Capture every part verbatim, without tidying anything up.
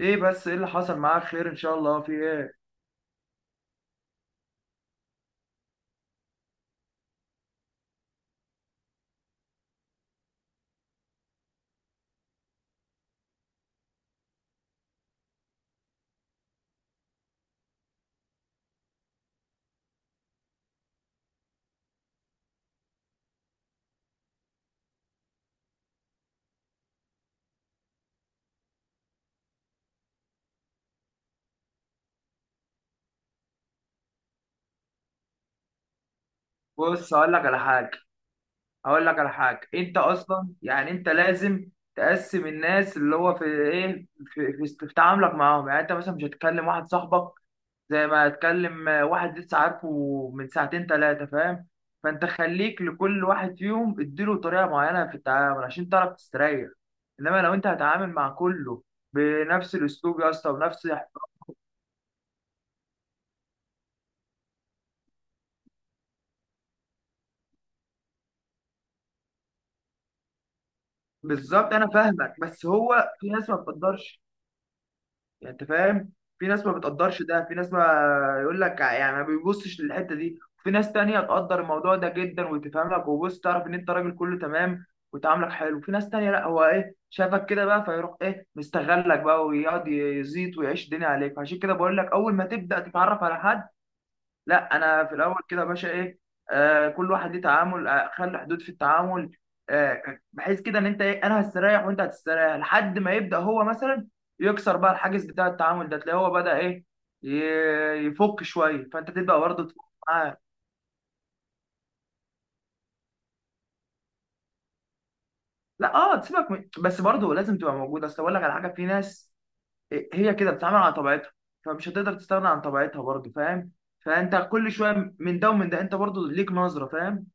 ايه؟ بس ايه اللي حصل معاك؟ خير ان شاء الله، في ايه؟ بص، هقول لك على حاجه. هقول لك على حاجه، انت اصلا يعني انت لازم تقسم الناس اللي هو في ايه في, في, است- في تعاملك معاهم. يعني انت مثلا مش هتكلم واحد صاحبك زي ما هتكلم آه، واحد لسه عارفه من ساعتين ثلاثه، فاهم؟ فانت خليك لكل واحد فيهم اديله طريقه معينه في التعامل عشان تعرف تستريح. انما لو انت هتعامل مع كله بنفس الاسلوب يا اسطى، ونفس… بالظبط، انا فاهمك. بس هو في ناس ما بتقدرش، يعني انت فاهم. في ناس ما بتقدرش، ده في ناس ما يقول لك يعني ما بيبصش للحته دي. في ناس تانية تقدر الموضوع ده جدا، وتفهم لك وبص تعرف ان انت راجل كله تمام وتعاملك حلو. في ناس تانية لا، هو ايه شافك كده بقى، فيروح ايه مستغلك بقى ويقعد يزيط ويعيش الدنيا عليك. عشان كده بقول لك، اول ما تبدا تتعرف على حد، لا، انا في الاول كده يا باشا ايه، آه كل واحد ليه تعامل. آه خلي حدود في التعامل، آه بحيث كده ان انت ايه، انا هستريح وانت هتستريح، لحد ما يبدا هو مثلا يكسر بقى الحاجز بتاع التعامل ده. تلاقيه هو بدا ايه، ي- يفك شويه، فانت تبدا برضه تفك معاه. لا، اه، تسيبك من… بس برضه لازم تبقى موجود. اصل اقول لك على حاجه، في ناس إيه، هي كده بتتعامل على طبيعتها، فمش هتقدر تستغنى عن طبيعتها برضه، فاهم؟ فانت كل شويه من ده ومن ده، انت برضه ليك نظره، فاهم.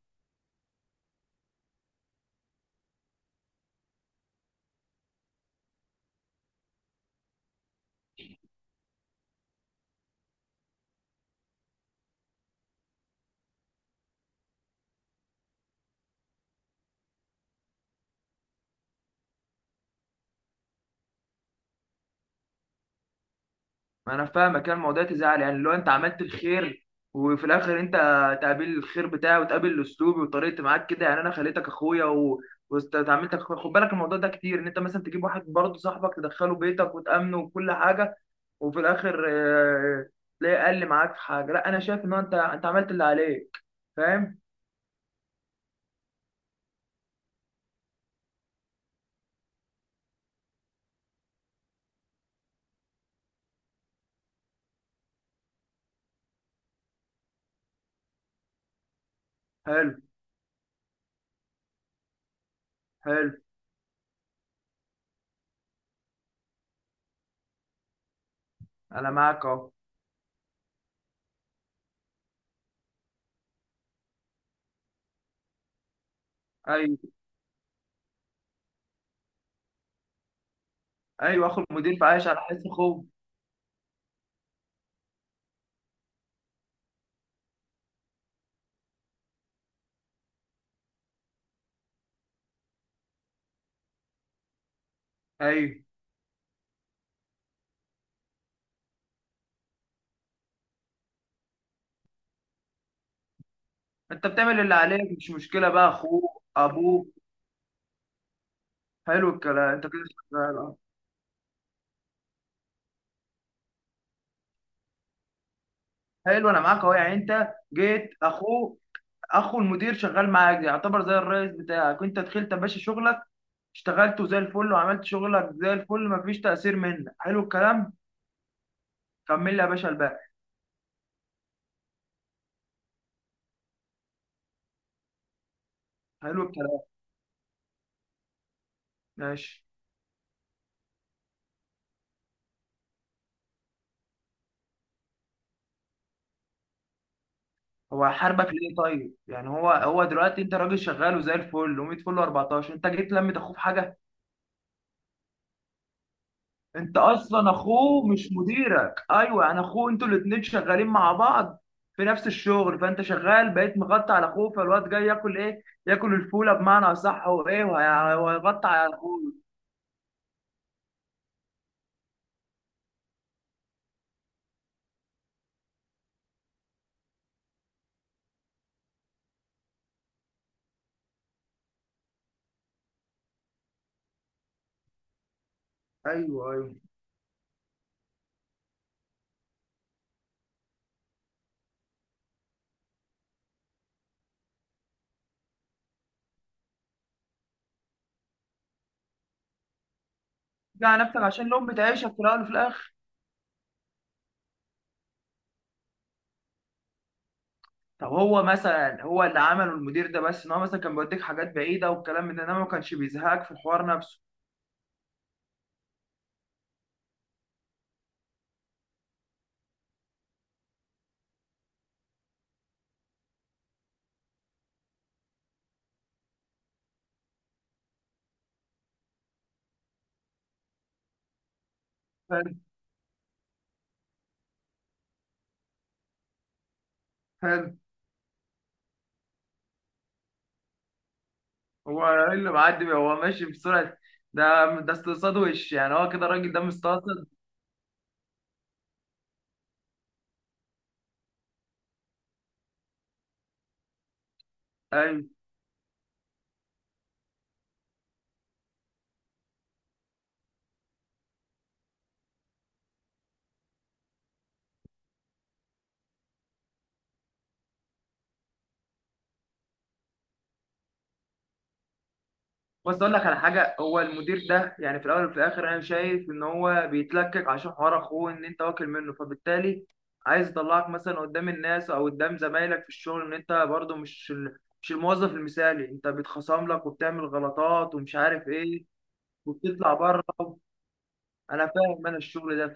ما انا فاهمك، كان الموضوع تزعل يعني لو انت عملت الخير وفي الاخر انت تقابل الخير بتاعي وتقابل اسلوبي وطريقتي معاك كده. يعني انا خليتك اخويا و… وتعاملتك اخويا، خد بالك الموضوع ده كتير، ان انت مثلا تجيب واحد برضه صاحبك تدخله بيتك وتامنه وكل حاجه، وفي الاخر آه، تلاقيه اقل معاك في حاجه. لا انا شايف ان هو انت انت عملت اللي عليك، فاهم. حلو. حلو. انا معاك اهو. ايوه. ايوه، اخو المدير في عايش على حس اخوه. ايوه، انت بتعمل اللي عليك، مش مشكله بقى اخوه ابوه. حلو الكلام انت كده. شغال اه. حلو، انا معاك اهو. يعني انت جيت، اخوه، اخو المدير شغال معاك يعتبر زي الرئيس بتاعك. انت دخلت يا باشا شغلك، اشتغلته زي الفل وعملت شغلك زي الفل، مفيش تأثير منك. حلو الكلام. كمل لي يا باشا الباقي. حلو الكلام، ماشي. هو هيحاربك ليه طيب؟ يعني هو هو دلوقتي انت راجل شغال وزي الفل، و100 فل و14، انت جيت لمت اخوه في حاجه. انت اصلا اخوه مش مديرك، ايوه انا اخوه، انتوا الاتنين شغالين مع بعض في نفس الشغل. فانت شغال بقيت مغطي على اخوه، فالواد جاي ياكل ايه، ياكل الفوله بمعنى اصح، وايه وهي- وهيغطي على اخوه. ايوه، ايوه. تيجي على نفسك عشان الام بتعيشك في الاول وفي الاخر. طب هو مثلا هو اللي عمله المدير ده، بس ان هو مثلا كان بيوديك حاجات بعيده والكلام من ده، انما ما كانش بيزهقك في الحوار نفسه. حلو. حلو. هو ايه اللي معدي بيه؟ هو ماشي بسرعه؟ ده ده استقصاد وش، يعني هو كده الراجل ده مستقصد. ايوه. بس اقول لك على حاجه، هو المدير ده يعني في الاول وفي الاخر انا شايف ان هو بيتلكك عشان حوار اخوه، ان انت واكل منه. فبالتالي عايز يطلعك مثلا قدام الناس او قدام زمايلك في الشغل ان انت برضه مش ال- مش الموظف المثالي، انت بيتخصم لك وبتعمل غلطات ومش عارف ايه، وبتطلع بره. انا فاهم، انا الشغل ده.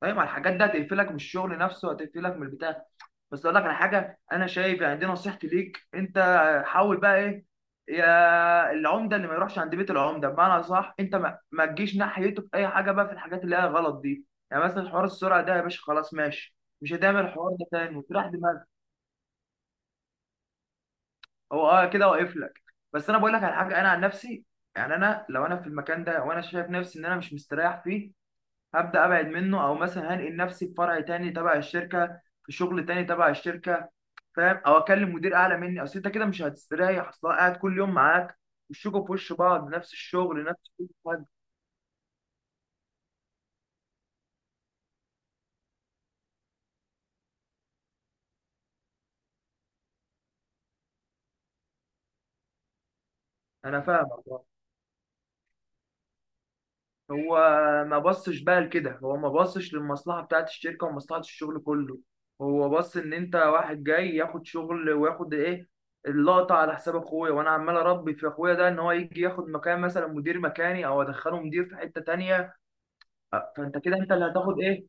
طيب ما الحاجات دي هتقفلك من الشغل نفسه وهتقفلك من البتاع. بس اقول لك على حاجه، انا شايف يعني دي نصيحتي ليك انت، حاول بقى ايه، يا العمده اللي ما يروحش عند بيت العمده، بمعنى صح، انت ما, ما تجيش ناحيته في اي حاجه بقى في الحاجات اللي هي غلط دي. يعني مثلا حوار السرعه ده يا باشا، خلاص ماشي، مش هتعمل الحوار ده تاني وتريح دماغك. هو اه كده واقف لك. بس انا بقول لك على حاجه، انا عن نفسي، يعني انا لو انا في المكان ده وانا شايف نفسي ان انا مش مستريح فيه، هبدا ابعد منه، او مثلا هنقل نفسي في فرع تاني تبع الشركه، في شغل تاني تبع الشركه، فاهم؟ او اكلم مدير اعلى مني. اصل انت كده مش هتستريح، اصل هو قاعد كل يوم معاك، وشكوا في وش بعض، نفس الشغل، نفس كل حاجه. انا فاهمك آه. هو ما بصش بقى لكده، هو ما بصش للمصلحه بتاعت الشركه ومصلحه الشغل كله. هو بص ان انت واحد جاي ياخد شغل وياخد ايه، اللقطه على حساب اخويا، وانا عمال اربي في اخويا ده ان هو يجي ياخد مكان مثلا مدير مكاني، او ادخله مدير في حته تانيه. آه، فانت كده انت اللي هتاخد ايه.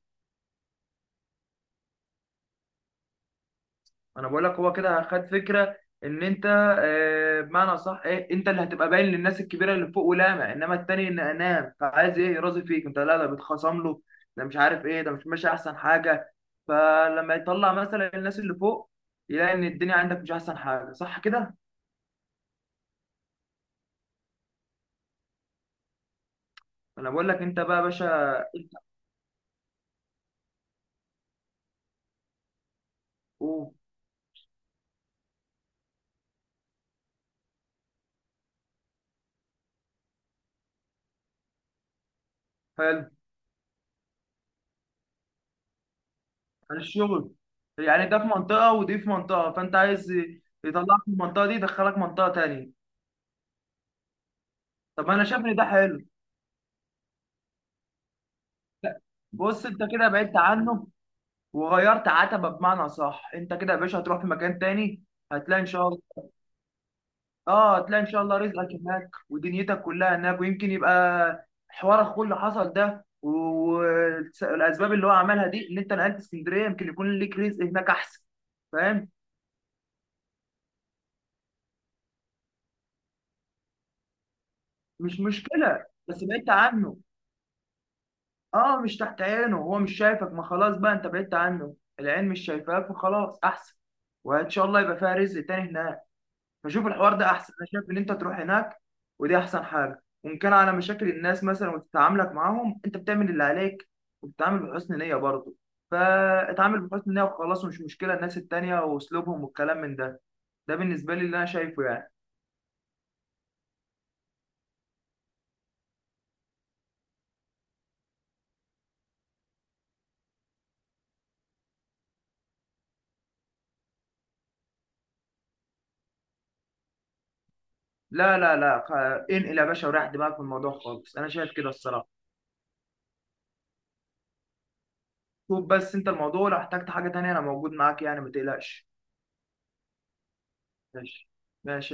انا بقول لك هو كده خد فكره ان انت آه، بمعنى صح ايه، انت اللي هتبقى باين للناس الكبيره اللي فوق ولامع، انما التاني ان انام فعايز ايه يراضي فيك، انت لا ده بيتخاصم له، ده مش عارف ايه، ده مش ماشي احسن حاجه. فلما يطلع مثلا الناس اللي فوق، يلاقي ان الدنيا عندك مش احسن حاجه، صح كده. انا بقول لك انت بقى يا باشا. انت. حقوق. حلو. عن الشغل. يعني ده في منطقه ودي في منطقه، فانت عايز يطلعك من المنطقه دي يدخلك منطقه تانيه. طب انا شايف ان ده حلو. بص انت كده بعدت عنه وغيرت عتبه، بمعنى صح، انت كده يا باشا هتروح في مكان تاني. هتلاقي ان شاء الله. اه هتلاقي ان شاء الله رزقك هناك ودنيتك كلها هناك، ويمكن يبقى حوار اخوه اللي حصل ده والاسباب اللي هو عملها دي، ان انت نقلت اسكندريه، يمكن يكون ليك رزق هناك احسن. فاهم. مش مشكله، بس بعدت عنه. اه، مش تحت عينه، هو مش شايفك، ما خلاص بقى، انت بعدت عنه، العين مش شايفاك فخلاص احسن. وان شاء الله يبقى فيها رزق تاني هناك. فشوف الحوار ده احسن، انا شايف ان انت تروح هناك، ودي احسن حاجه. وان كان على مشاكل الناس مثلا وتتعاملك معاهم، انت بتعمل اللي عليك وبتتعامل بحسن نيه برضه، فاتعامل بحسن نيه وخلاص، ومش مشكله الناس التانيه واسلوبهم والكلام من ده. ده بالنسبه لي اللي انا شايفه يعني. لا لا لا خ-، انقل يا باشا وريح دماغك من الموضوع خالص، انا شايف كده الصراحه. شوف بس انت الموضوع، لو احتجت حاجه تانيه انا موجود معاك يعني، ما تقلقش. ماشي. ماشي.